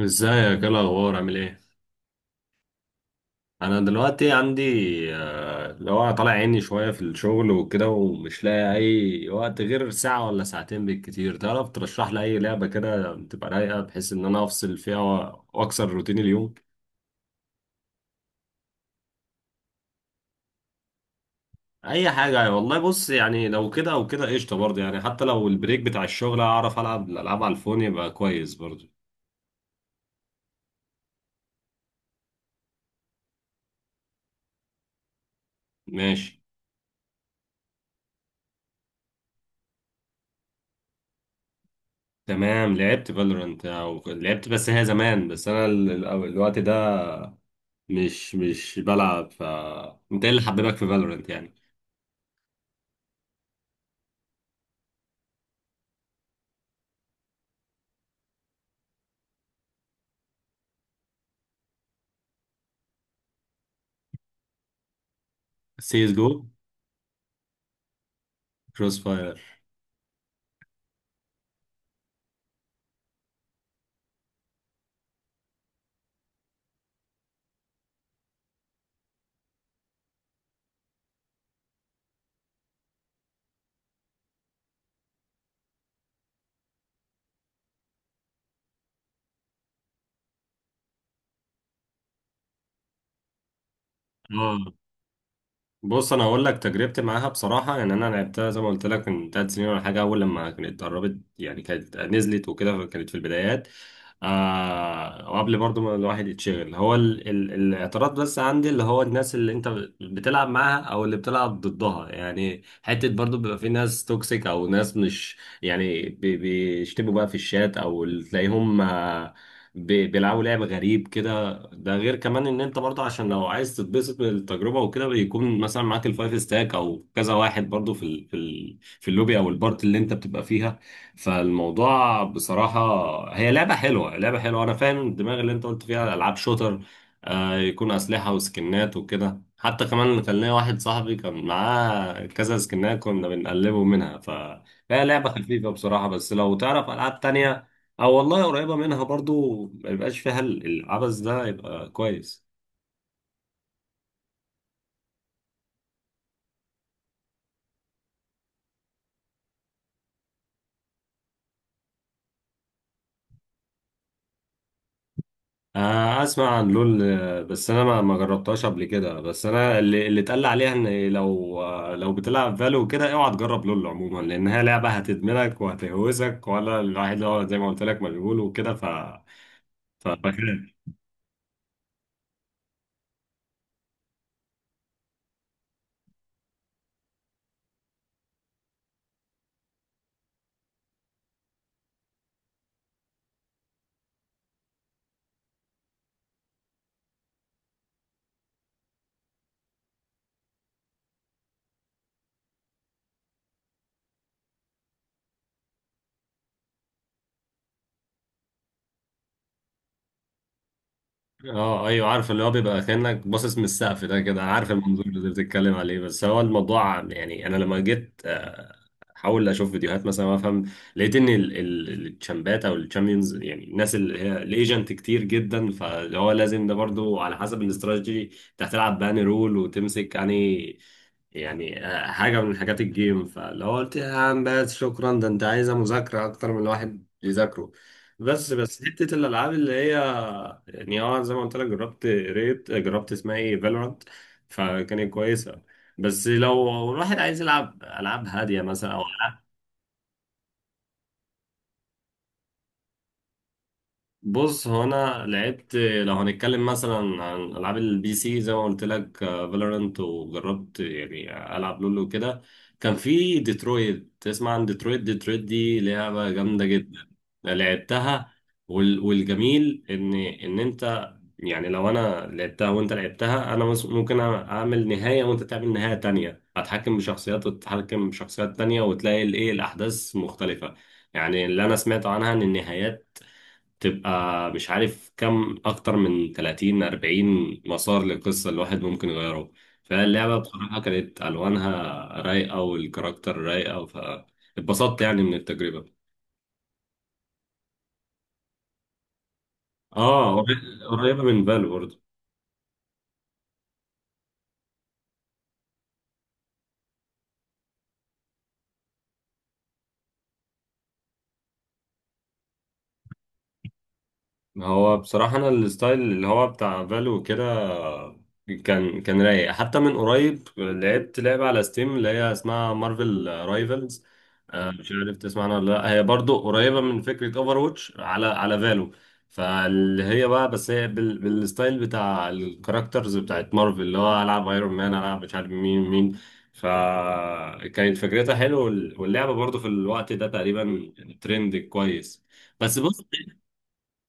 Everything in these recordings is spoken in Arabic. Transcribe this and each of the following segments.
ازيك؟ ايه الاخبار؟ عامل ايه؟ انا دلوقتي عندي، اللي هو طالع عيني شويه في الشغل وكده، ومش لاقي اي وقت غير ساعه ولا ساعتين بالكتير. تعرف ترشح لي اي لعبه كده تبقى رايقه بحيث ان انا افصل فيها واكسر روتين اليوم؟ اي حاجه والله. بص يعني لو كده او كده قشطه برضه، يعني حتى لو البريك بتاع الشغل اعرف العب الالعاب على الفون يبقى كويس برضه. ماشي. تمام، لعبت فالورانت او لعبت، بس هي زمان، بس انا الوقت ده مش بلعب. ف انت ايه اللي حببك في فالورنت يعني؟ سي اس جو. كروس فاير. اه. بص انا هقول لك تجربتي معاها بصراحه، يعني انا لعبتها زي ما قلت لك من ثلاث سنين ولا حاجه، اول لما كانت اتدربت، يعني كانت نزلت وكده، كانت في البدايات. آه، وقبل برضو ما الواحد يتشغل، هو ال ال الاعتراض بس عندي اللي هو الناس اللي انت بتلعب معاها او اللي بتلعب ضدها، يعني حته برضو بيبقى في ناس توكسيك او ناس مش يعني بيشتموا بقى في الشات، او اللي تلاقيهم، بيلعبوا لعب غريب كده. ده غير كمان ان انت برضه، عشان لو عايز تتبسط من التجربه وكده بيكون مثلا معاك الفايف ستاك او كذا واحد برضه في اللوبي او البارت اللي انت بتبقى فيها. فالموضوع بصراحه، هي لعبه حلوه. انا فاهم الدماغ اللي انت قلت فيها العاب شوتر، آه، يكون اسلحه وسكنات وكده. حتى كمان كان ليا واحد صاحبي كان معاه كذا سكنات كنا بنقلبه منها. ف هي لعبه خفيفه بصراحه، بس لو تعرف العاب تانية او والله قريبه منها برضو ما يبقاش فيها العبث ده، يبقى كويس. آه، اسمع عن لول، آه، بس انا ما جربتهاش قبل كده. بس انا اللي اتقال لي عليها ان لو، آه، لو بتلعب فالو كده اوعى تجرب لول عموما، لانها لعبه هتدمنك وهتهوزك، ولا الواحد اللي هو زي ما قلت لك مشغول وكده. ف فخير. اه ايوه عارف، اللي هو بيبقى كانك باصص من السقف ده كده، عارف المنظور اللي بتتكلم عليه. بس هو الموضوع يعني انا لما جيت احاول اشوف فيديوهات مثلا وافهم، لقيت ان التشامبات او الشامبيونز، يعني الناس اللي هي الايجنت كتير جدا، فاللي هو لازم ده برضو على حسب الاستراتيجي انت هتلعب بان رول وتمسك، يعني يعني حاجة من حاجات الجيم. فلو قلت يا عم بس شكرا، ده انت عايزة مذاكرة أكتر من الواحد يذاكره. بس حتة الألعاب اللي هي يعني، اه، زي ما قلت لك جربت، ريت جربت اسمها ايه، فالورانت، فكانت كويسة. بس لو الواحد عايز يلعب ألعاب هادية مثلا أو. بص هو انا لعبت، لو هنتكلم مثلا عن العاب البي سي زي ما قلت لك فالورانت، وجربت يعني العب لولو وكده. كان في ديترويت، تسمع عن ديترويت؟ ديترويت دي لعبه جامده جدا، لعبتها. والجميل ان انت يعني، لو انا لعبتها وانت لعبتها، انا ممكن اعمل نهايه وانت تعمل نهايه تانية، اتحكم بشخصيات وتتحكم بشخصيات تانية، وتلاقي الايه الاحداث مختلفه. يعني اللي انا سمعته عنها ان النهايات تبقى مش عارف كم، اكتر من 30 40 مسار للقصه، الواحد ممكن يغيره. فاللعبه بصراحه كانت الوانها رايقه والكاركتر رايقه، فاتبسطت يعني من التجربه. اه، قريبه من فالو. هو بصراحة أنا الستايل اللي هو بتاع فالو كده كان رايق. حتى من قريب لعبت لعبة على ستيم اللي هي اسمها مارفل رايفلز، مش عارف تسمع عنها ولا لأ، هي برضو قريبة من فكرة اوفر واتش، على فالو. فاللي هي بقى، بس هي بالستايل بتاع الكاركترز بتاعت مارفل، اللي هو ألعب ايرون مان، ألعب مش عارف مين. فكانت فكرتها حلوة، واللعبة برضو في الوقت ده تقريبا ترند كويس. بس بص.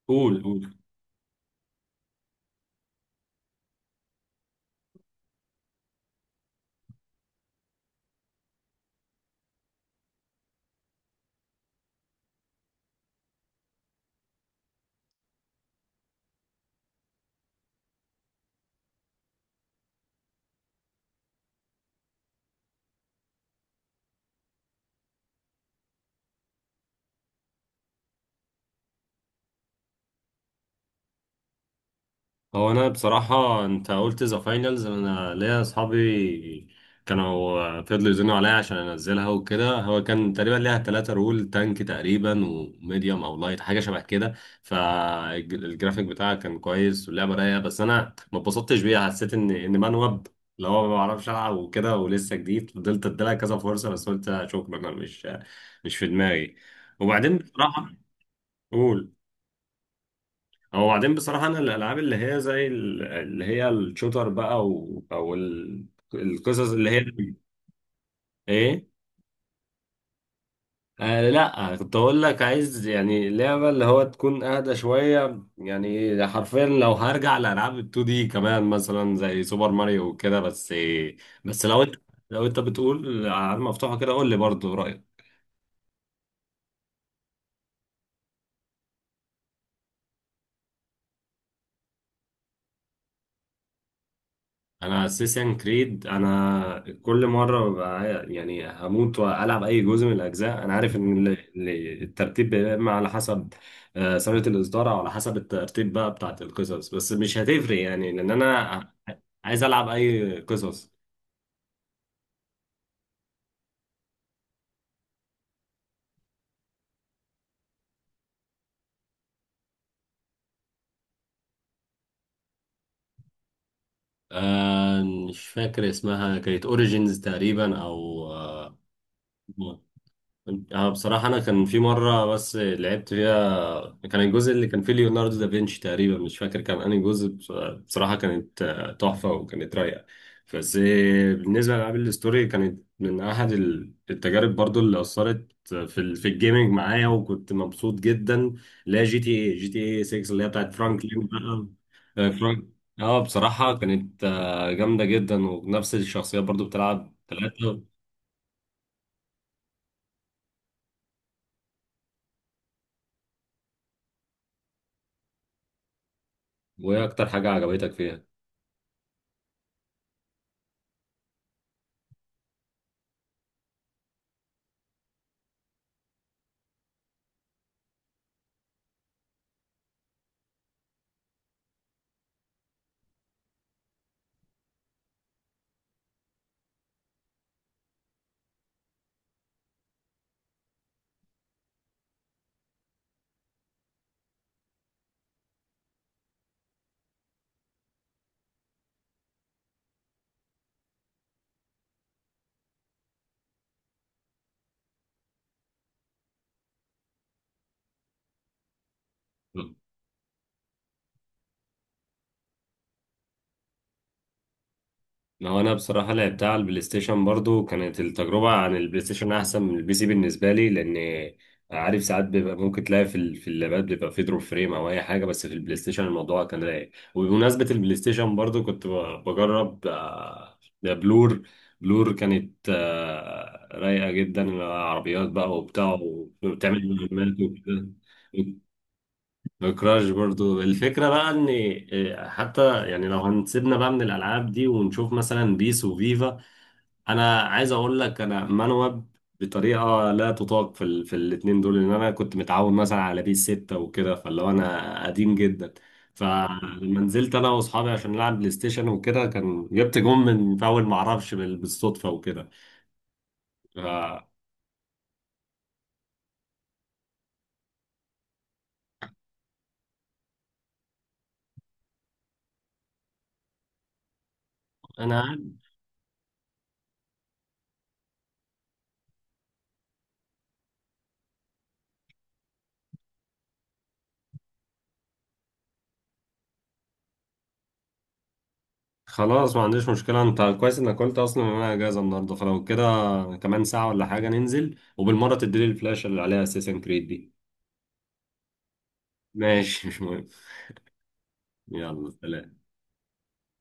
قول. هو انا بصراحه انت قلت ذا فاينلز، انا ليا اصحابي كانوا فضلوا يزنوا عليا عشان انزلها وكده. هو كان تقريبا ليها ثلاثة رول، تانك تقريبا وميديوم او لايت حاجه شبه كده. فالجرافيك بتاعها كان كويس واللعبه رايقه، بس انا ما اتبسطتش بيها. حسيت ان منوب اللي هو ما بعرفش العب وكده ولسه جديد. فضلت اديلها كذا فرصه، بس قلت شكرا انا مش في دماغي. وبعدين بصراحه. قول. هو بعدين بصراحة أنا الألعاب اللي هي زي اللي هي الشوتر بقى القصص اللي هي، إيه؟ آه لا، كنت أقول لك عايز يعني لعبة اللي هو تكون أهدى شوية، يعني حرفيا لو هرجع لألعاب ال 2 دي كمان مثلا زي سوبر ماريو وكده. بس بس، لو أنت بتقول ألعاب مفتوحة كده قول لي برضه. انا اساسا كريد، انا كل مره ببقى يعني هموت والعب اي جزء من الاجزاء. انا عارف ان الترتيب بيبقى إما على حسب، آه، سنه الاصدار او على حسب الترتيب بقى بتاعت القصص، بس مش هتفرق يعني لان انا عايز العب اي قصص. آه، مش فاكر اسمها، كانت اوريجينز تقريبا او. اه بصراحة أنا كان في مرة بس لعبت فيها، كان الجزء اللي كان فيه ليوناردو دافنشي تقريبا، مش فاكر كان أنهي جزء. بصراحة كانت تحفة وكانت رايقة. بس بالنسبة لألعاب الستوري، كانت من أحد التجارب برضو اللي أثرت في في الجيمنج معايا، وكنت مبسوط جدا. اللي هي جي تي اي 6 اللي هي بتاعت فرانكلين بقى. آه، فرانك. اه بصراحة كانت جامدة جدا، ونفس الشخصيات برضو بتلعب ثلاثة. وإيه أكتر حاجة عجبتك فيها؟ ما هو انا بصراحه لعبتها على البلاي ستيشن برضو، كانت التجربه عن البلاي ستيشن احسن من البي سي بالنسبه لي، لان عارف ساعات بيبقى ممكن تلاقي في اللابات بيبقى في دروب فريم او اي حاجه، بس في البلاي ستيشن الموضوع كان رايق. وبمناسبه البلاي ستيشن برضو كنت بجرب، آه، ده بلور. بلور كانت رايقه جدا، عربيات بقى وبتاع وبتعمل مهمات وكده. بكراش برضو الفكرة بقى ان، إيه، حتى يعني لو هنسيبنا بقى من الالعاب دي ونشوف مثلا بيس وفيفا، انا عايز اقول لك انا منوب بطريقة لا تطاق في الاتنين دول. ان انا كنت متعود مثلا على بيس ستة وكده، فاللي هو انا قديم جدا. فلما نزلت انا واصحابي عشان نلعب بلاي ستيشن وكده، كان جبت جون من فاول معرفش بالصدفة وكده. فانا خلاص ما عنديش مشكلة. انت كويس انك قلت اصلا ان انا اجازة النهاردة، فلو كده كمان ساعة ولا حاجة ننزل، وبالمرة تديلي الفلاشة اللي عليها اساسن كريد دي. ماشي مش مهم. يلا سلام.